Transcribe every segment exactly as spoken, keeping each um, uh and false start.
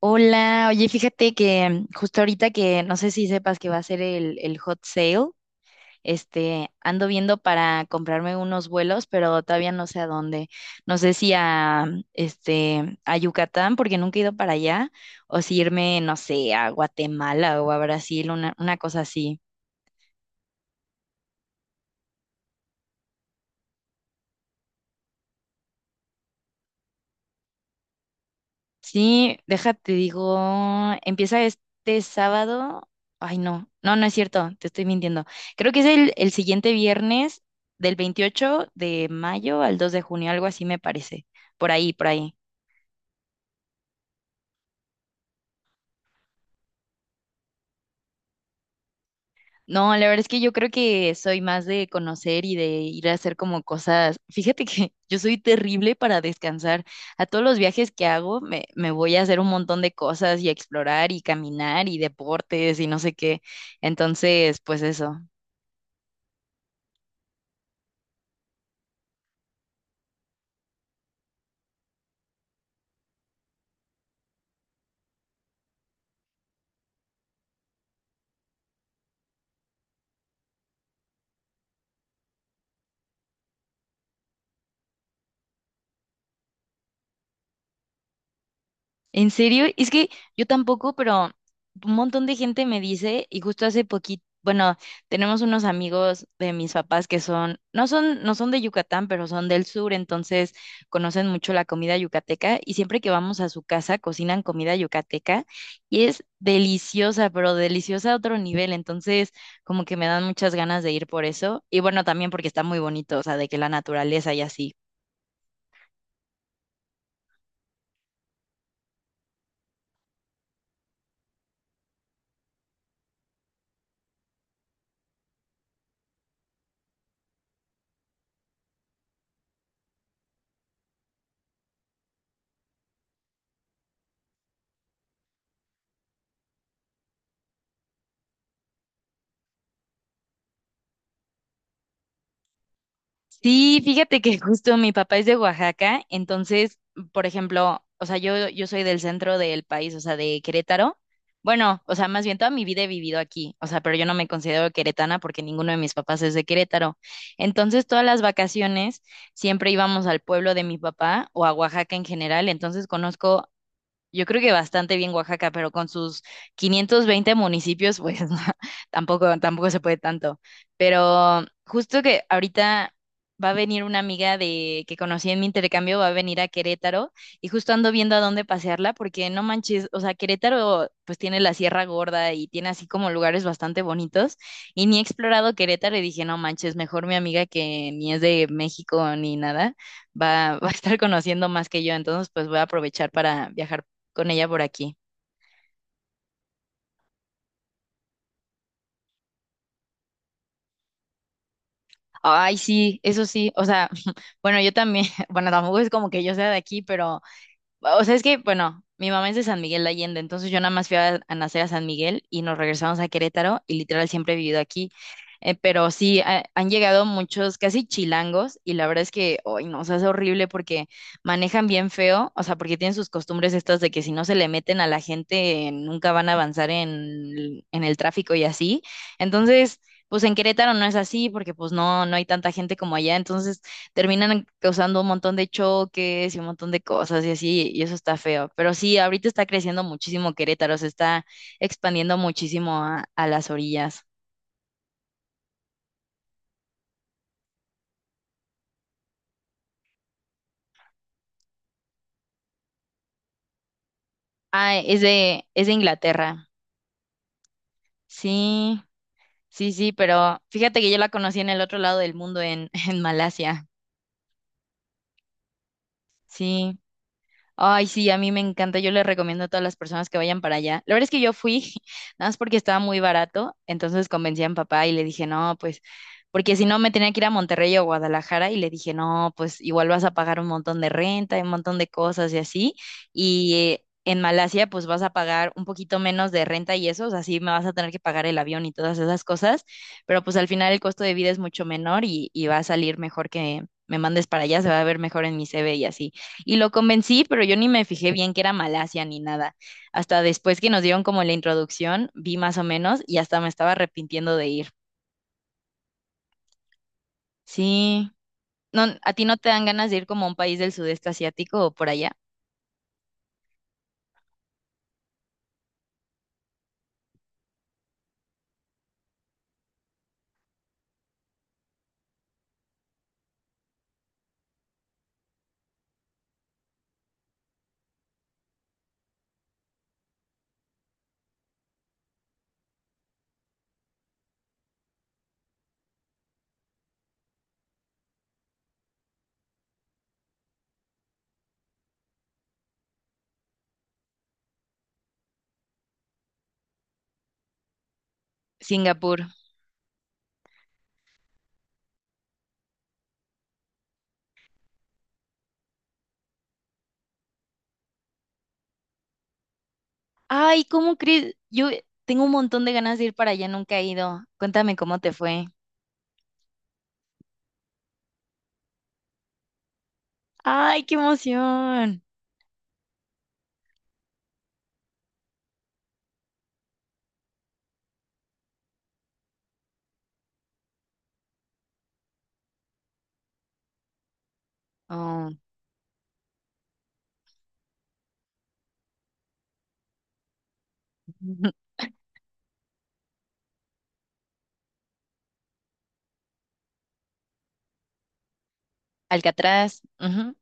Hola, oye, fíjate que justo ahorita que no sé si sepas que va a ser el, el hot sale, este, ando viendo para comprarme unos vuelos, pero todavía no sé a dónde. No sé si a, este, a Yucatán, porque nunca he ido para allá, o si irme, no sé, a Guatemala o a Brasil, una, una cosa así. Sí, déjate, digo, empieza este sábado. Ay, no, no, no es cierto, te estoy mintiendo. Creo que es el, el siguiente viernes del veintiocho de mayo al dos de junio, algo así me parece. Por ahí, por ahí. No, la verdad es que yo creo que soy más de conocer y de ir a hacer como cosas. Fíjate que yo soy terrible para descansar. A todos los viajes que hago me, me voy a hacer un montón de cosas y a explorar y caminar y deportes y no sé qué. Entonces, pues eso. ¿En serio? Es que yo tampoco, pero un montón de gente me dice, y justo hace poquito, bueno, tenemos unos amigos de mis papás que son, no son, no son de Yucatán, pero son del sur, entonces conocen mucho la comida yucateca, y siempre que vamos a su casa cocinan comida yucateca, y es deliciosa, pero deliciosa a otro nivel, entonces como que me dan muchas ganas de ir por eso, y bueno, también porque está muy bonito, o sea, de que la naturaleza y así. Sí, fíjate que justo mi papá es de Oaxaca, entonces, por ejemplo, o sea, yo, yo soy del centro del país, o sea, de Querétaro. Bueno, o sea, más bien toda mi vida he vivido aquí, o sea, pero yo no me considero queretana porque ninguno de mis papás es de Querétaro. Entonces, todas las vacaciones siempre íbamos al pueblo de mi papá o a Oaxaca en general, entonces conozco yo creo que bastante bien Oaxaca, pero con sus quinientos veinte municipios, pues no, tampoco, tampoco se puede tanto. Pero justo que ahorita va a venir una amiga de que conocí en mi intercambio, va a venir a Querétaro y justo ando viendo a dónde pasearla, porque no manches, o sea, Querétaro pues tiene la Sierra Gorda y tiene así como lugares bastante bonitos y ni he explorado Querétaro y dije, no manches, mejor mi amiga que ni es de México ni nada va, va a estar conociendo más que yo, entonces pues voy a aprovechar para viajar con ella por aquí. Ay, sí, eso sí, o sea, bueno, yo también, bueno, tampoco es como que yo sea de aquí, pero o sea, es que, bueno, mi mamá es de San Miguel de Allende, entonces yo nada más fui a, a nacer a San Miguel y nos regresamos a Querétaro y literal siempre he vivido aquí. Eh, pero sí, ha- han llegado muchos casi chilangos y la verdad es que, hoy no, o sea, es horrible porque manejan bien feo, o sea, porque tienen sus costumbres estas de que si no se le meten a la gente nunca van a avanzar en, en el tráfico y así. Entonces... Pues en Querétaro no es así porque pues no, no hay tanta gente como allá, entonces terminan causando un montón de choques y un montón de cosas y así, y eso está feo. Pero sí, ahorita está creciendo muchísimo Querétaro, se está expandiendo muchísimo a, a las orillas. Ah, es de, es de Inglaterra. Sí, sí, sí, pero fíjate que yo la conocí en el otro lado del mundo, en, en Malasia. Sí. Ay, sí, a mí me encanta. Yo le recomiendo a todas las personas que vayan para allá. La verdad es que yo fui, nada más porque estaba muy barato, entonces convencí a mi papá y le dije, no, pues, porque si no me tenía que ir a Monterrey o Guadalajara y le dije, no, pues igual vas a pagar un montón de renta, y un montón de cosas y así. Y eh, en Malasia, pues vas a pagar un poquito menos de renta y eso, o sea, sí me vas a tener que pagar el avión y todas esas cosas, pero pues al final el costo de vida es mucho menor y, y va a salir mejor que me mandes para allá, se va a ver mejor en mi C V y así. Y lo convencí, pero yo ni me fijé bien que era Malasia ni nada. Hasta después que nos dieron como la introducción, vi más o menos y hasta me estaba arrepintiendo de ir. Sí. No, ¿a ti no te dan ganas de ir como a un país del sudeste asiático o por allá? Singapur. Ay, ¿cómo crees? Yo tengo un montón de ganas de ir para allá, nunca he ido. Cuéntame cómo te fue. Ay, qué emoción. Oh. Alcatraz. Ujú.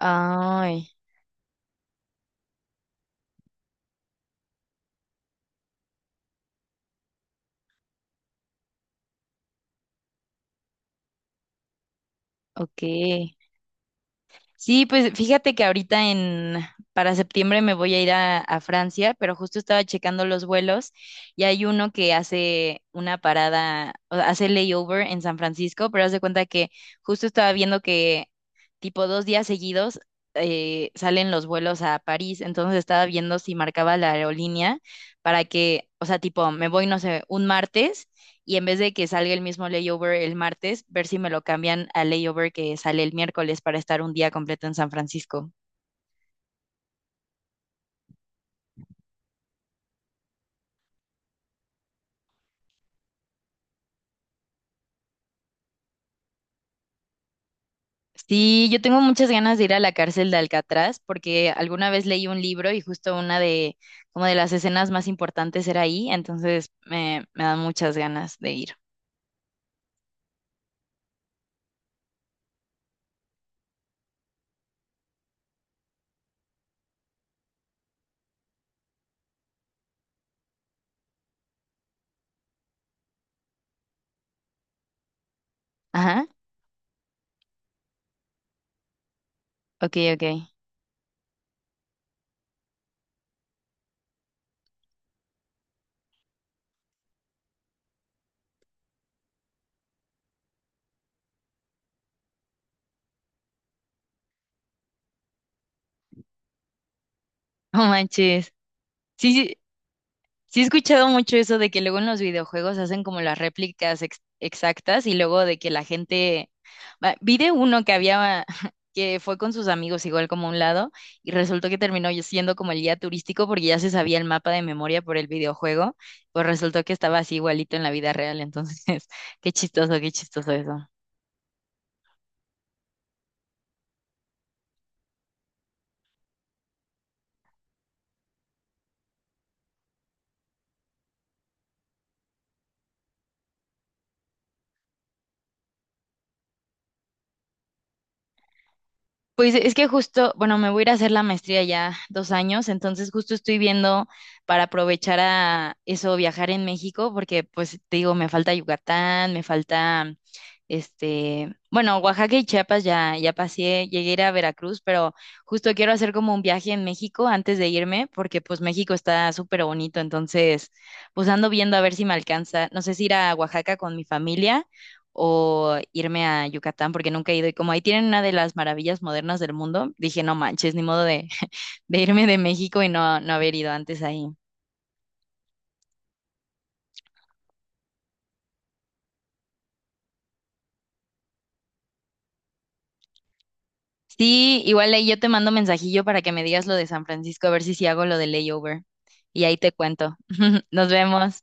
Ay, ok. Sí, pues fíjate que ahorita en para septiembre me voy a ir a, a Francia, pero justo estaba checando los vuelos y hay uno que hace una parada, o sea, hace layover en San Francisco, pero haz de cuenta que justo estaba viendo que tipo dos días seguidos eh, salen los vuelos a París, entonces estaba viendo si marcaba la aerolínea para que, o sea, tipo me voy, no sé, un martes y en vez de que salga el mismo layover el martes, ver si me lo cambian al layover que sale el miércoles para estar un día completo en San Francisco. Sí, yo tengo muchas ganas de ir a la cárcel de Alcatraz porque alguna vez leí un libro y justo una de como de las escenas más importantes era ahí, entonces me, me dan muchas ganas de ir. Ajá, ok, ok. No manches. Sí, sí, sí he escuchado mucho eso de que luego en los videojuegos hacen como las réplicas ex- exactas y luego de que la gente... va, vi de uno que había, que fue con sus amigos igual como a un lado y resultó que terminó y- siendo como el guía turístico porque ya se sabía el mapa de memoria por el videojuego, pues resultó que estaba así igualito en la vida real, entonces qué chistoso, qué chistoso eso. Pues es que justo, bueno, me voy a ir a hacer la maestría ya dos años, entonces justo estoy viendo para aprovechar a eso, viajar en México, porque pues te digo, me falta Yucatán, me falta, este, bueno, Oaxaca y Chiapas ya, ya pasé, llegué a ir a Veracruz, pero justo quiero hacer como un viaje en México antes de irme, porque pues México está súper bonito, entonces pues ando viendo a ver si me alcanza, no sé si ir a Oaxaca con mi familia o irme a Yucatán, porque nunca he ido. Y como ahí tienen una de las maravillas modernas del mundo, dije, no manches, ni modo de, de irme de México y no, no haber ido antes ahí. Sí, igual ahí yo te mando mensajillo para que me digas lo de San Francisco, a ver si sí hago lo de layover. Y ahí te cuento. Nos vemos.